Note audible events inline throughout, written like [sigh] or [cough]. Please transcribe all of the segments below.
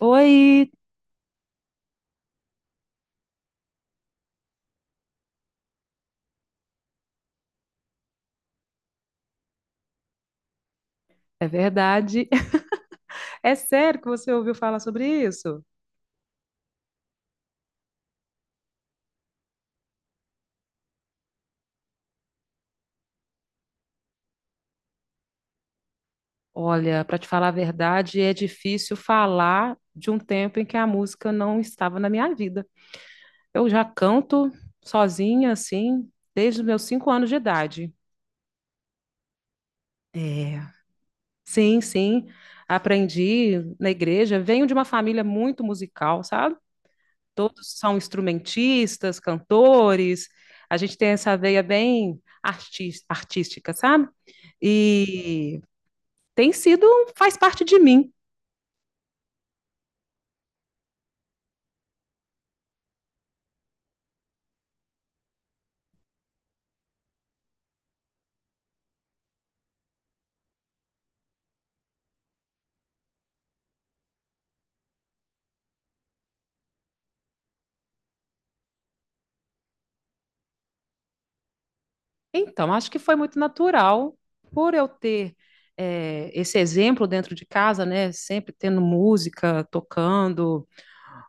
Oi, é verdade. [laughs] É sério que você ouviu falar sobre isso? Olha, para te falar a verdade, é difícil falar de um tempo em que a música não estava na minha vida. Eu já canto sozinha, assim, desde os meus 5 anos de idade. É. Sim, sim. Aprendi na igreja. Venho de uma família muito musical, sabe? Todos são instrumentistas, cantores, a gente tem essa veia bem artística, sabe? E tem sido, faz parte de mim. Então, acho que foi muito natural por eu ter esse exemplo dentro de casa, né? Sempre tendo música, tocando.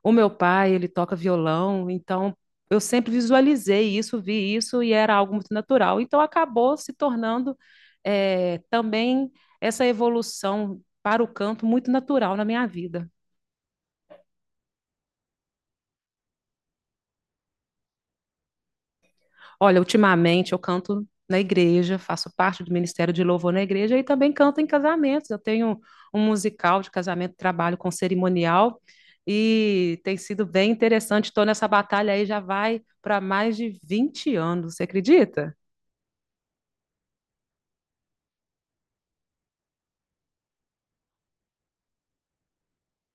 O meu pai, ele toca violão, então eu sempre visualizei isso, vi isso e era algo muito natural. Então acabou se tornando também essa evolução para o canto muito natural na minha vida. Olha, ultimamente eu canto na igreja, faço parte do Ministério de Louvor na igreja e também canto em casamentos. Eu tenho um musical de casamento, trabalho com cerimonial e tem sido bem interessante. Estou nessa batalha aí já vai para mais de 20 anos, você acredita?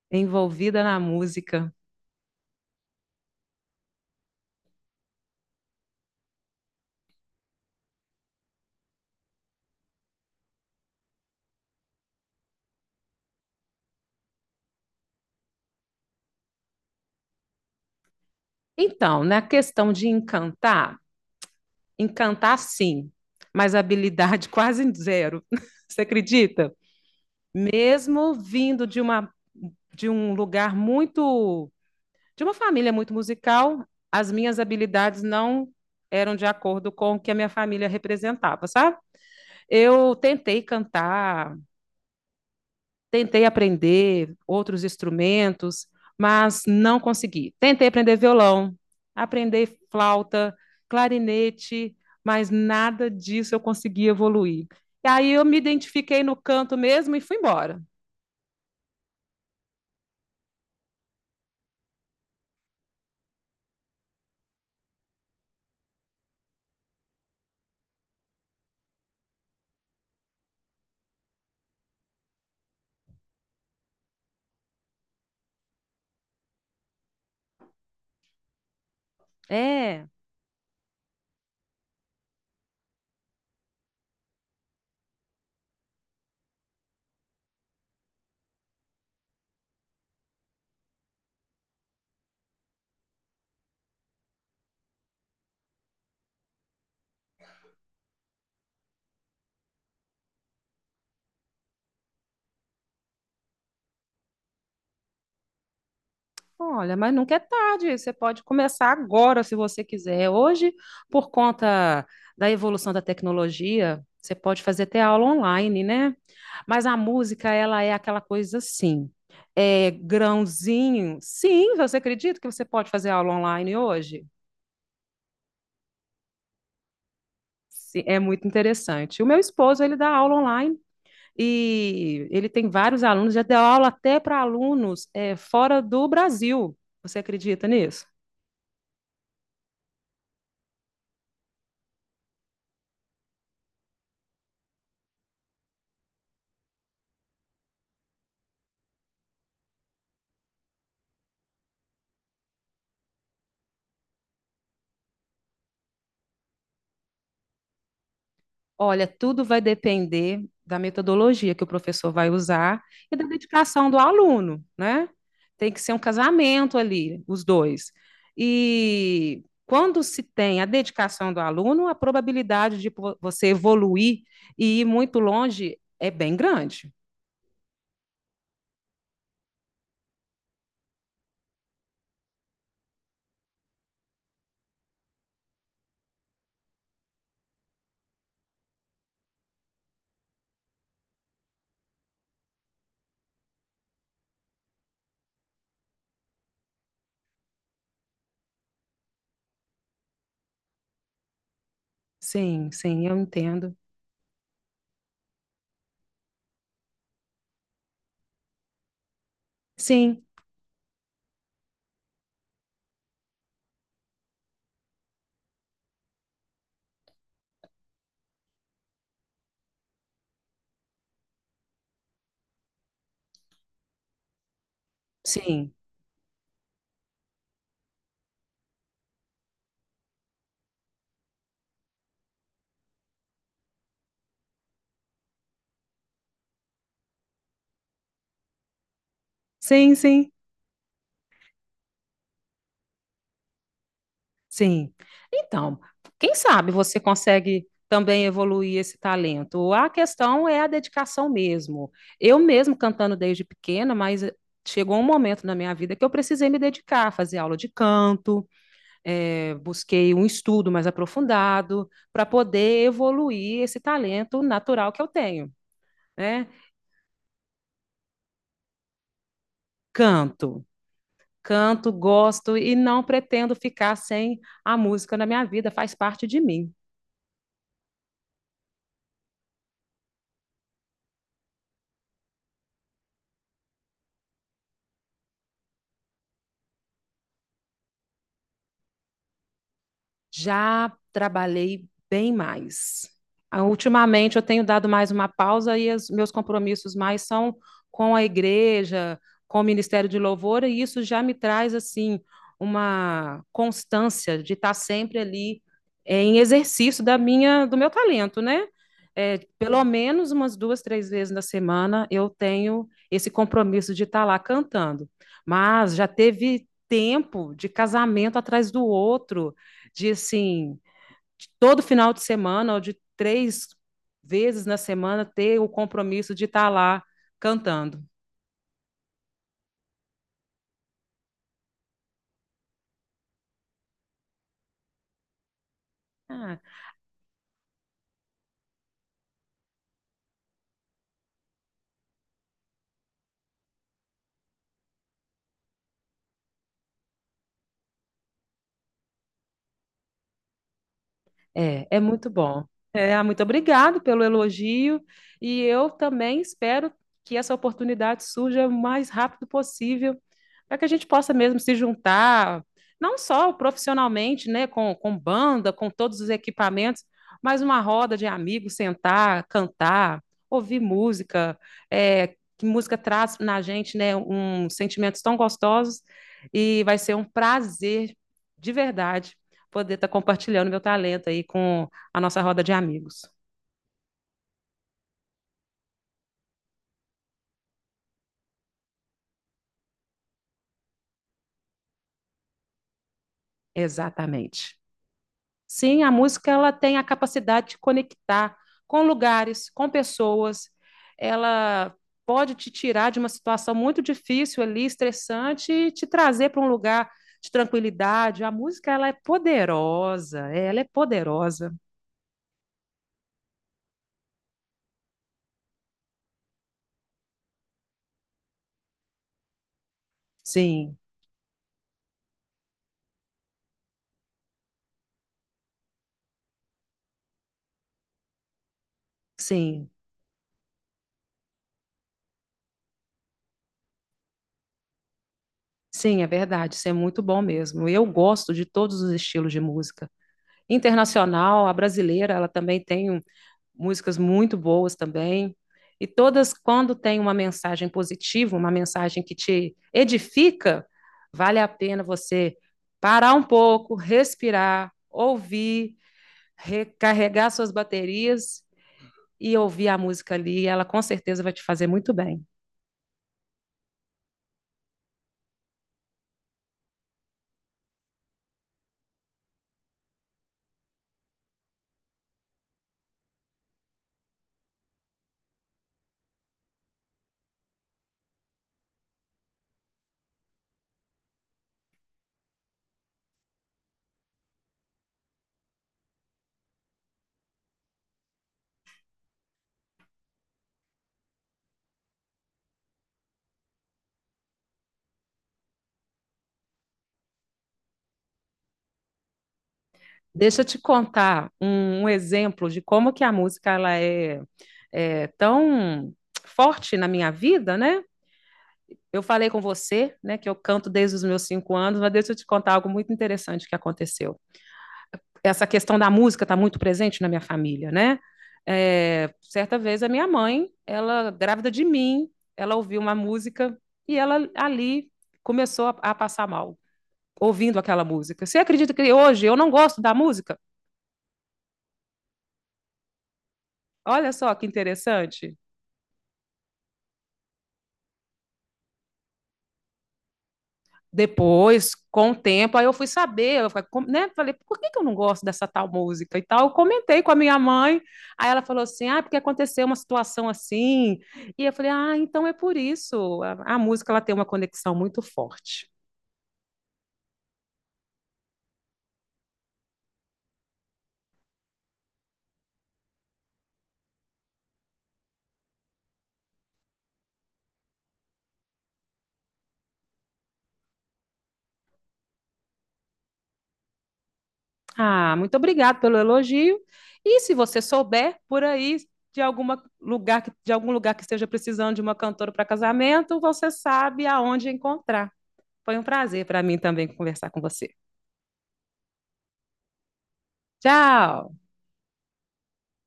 Envolvida na música. Então, na questão de encantar, encantar sim, mas habilidade quase zero. [laughs] Você acredita? Mesmo vindo de uma de um lugar muito de uma família muito musical, as minhas habilidades não eram de acordo com o que a minha família representava, sabe? Eu tentei cantar. Tentei aprender outros instrumentos, mas não consegui. Tentei aprender violão, aprender flauta, clarinete, mas nada disso eu consegui evoluir. E aí eu me identifiquei no canto mesmo e fui embora. É. Olha, mas nunca é tarde, você pode começar agora se você quiser. Hoje, por conta da evolução da tecnologia, você pode fazer até aula online, né? Mas a música, ela é aquela coisa assim, é grãozinho. Sim, você acredita que você pode fazer aula online hoje? Sim, é muito interessante. O meu esposo, ele dá aula online e ele tem vários alunos, já deu aula até para alunos fora do Brasil. Você acredita nisso? Olha, tudo vai depender da metodologia que o professor vai usar e da dedicação do aluno, né? Tem que ser um casamento ali, os dois. E quando se tem a dedicação do aluno, a probabilidade de você evoluir e ir muito longe é bem grande. Sim, sim, eu entendo. Sim, sim, sim, sim. Sim. Então, quem sabe você consegue também evoluir esse talento. A questão é a dedicação mesmo. Eu mesmo cantando desde pequena, mas chegou um momento na minha vida que eu precisei me dedicar, fazer aula de canto. Busquei um estudo mais aprofundado para poder evoluir esse talento natural que eu tenho, né? Canto. Canto, gosto e não pretendo ficar sem a música na minha vida, faz parte de mim. Já trabalhei bem mais. Ah, ultimamente eu tenho dado mais uma pausa e os meus compromissos mais são com a igreja, com o Ministério de Louvor, e isso já me traz assim uma constância de estar sempre ali em exercício da minha, do meu talento, né? Pelo menos umas 2, 3 vezes na semana eu tenho esse compromisso de estar lá cantando. Mas já teve tempo de casamento atrás do outro, de assim, de todo final de semana ou de 3 vezes na semana ter o compromisso de estar lá cantando. Ah, é, é muito bom. É, ah, muito obrigado pelo elogio e eu também espero que essa oportunidade surja o mais rápido possível, para que a gente possa mesmo se juntar, não só profissionalmente, né, com banda, com todos os equipamentos, mas uma roda de amigos, sentar, cantar, ouvir música. É, que música traz na gente, né, um sentimentos tão gostosos, e vai ser um prazer de verdade poder estar tá compartilhando meu talento aí com a nossa roda de amigos. Exatamente. Sim, a música ela tem a capacidade de conectar com lugares, com pessoas. Ela pode te tirar de uma situação muito difícil ali, estressante, e te trazer para um lugar de tranquilidade. A música ela é poderosa, ela é poderosa. Sim, sim, sim, é verdade. Isso é muito bom mesmo. Eu gosto de todos os estilos de música. Internacional, a brasileira, ela também tem músicas muito boas também. E todas, quando tem uma mensagem positiva, uma mensagem que te edifica, vale a pena você parar um pouco, respirar, ouvir, recarregar suas baterias e ouvir a música ali. Ela com certeza vai te fazer muito bem. Deixa eu te contar um exemplo de como que a música ela é, é tão forte na minha vida, né? Eu falei com você, né, que eu canto desde os meus cinco anos, mas deixa eu te contar algo muito interessante que aconteceu. Essa questão da música está muito presente na minha família, né? É, certa vez a minha mãe, ela grávida de mim, ela ouviu uma música e ela ali começou a passar mal, ouvindo aquela música. Você acredita que hoje eu não gosto da música? Olha só que interessante. Depois, com o tempo, aí eu fui saber, eu falei, né? Falei, por que, que eu não gosto dessa tal música e tal? Eu comentei com a minha mãe, aí ela falou assim, ah, porque aconteceu uma situação assim, e eu falei, ah, então é por isso, a música ela tem uma conexão muito forte. Ah, muito obrigada pelo elogio, e se você souber por aí de algum lugar que esteja precisando de uma cantora para casamento, você sabe aonde encontrar. Foi um prazer para mim também conversar com você. Tchau!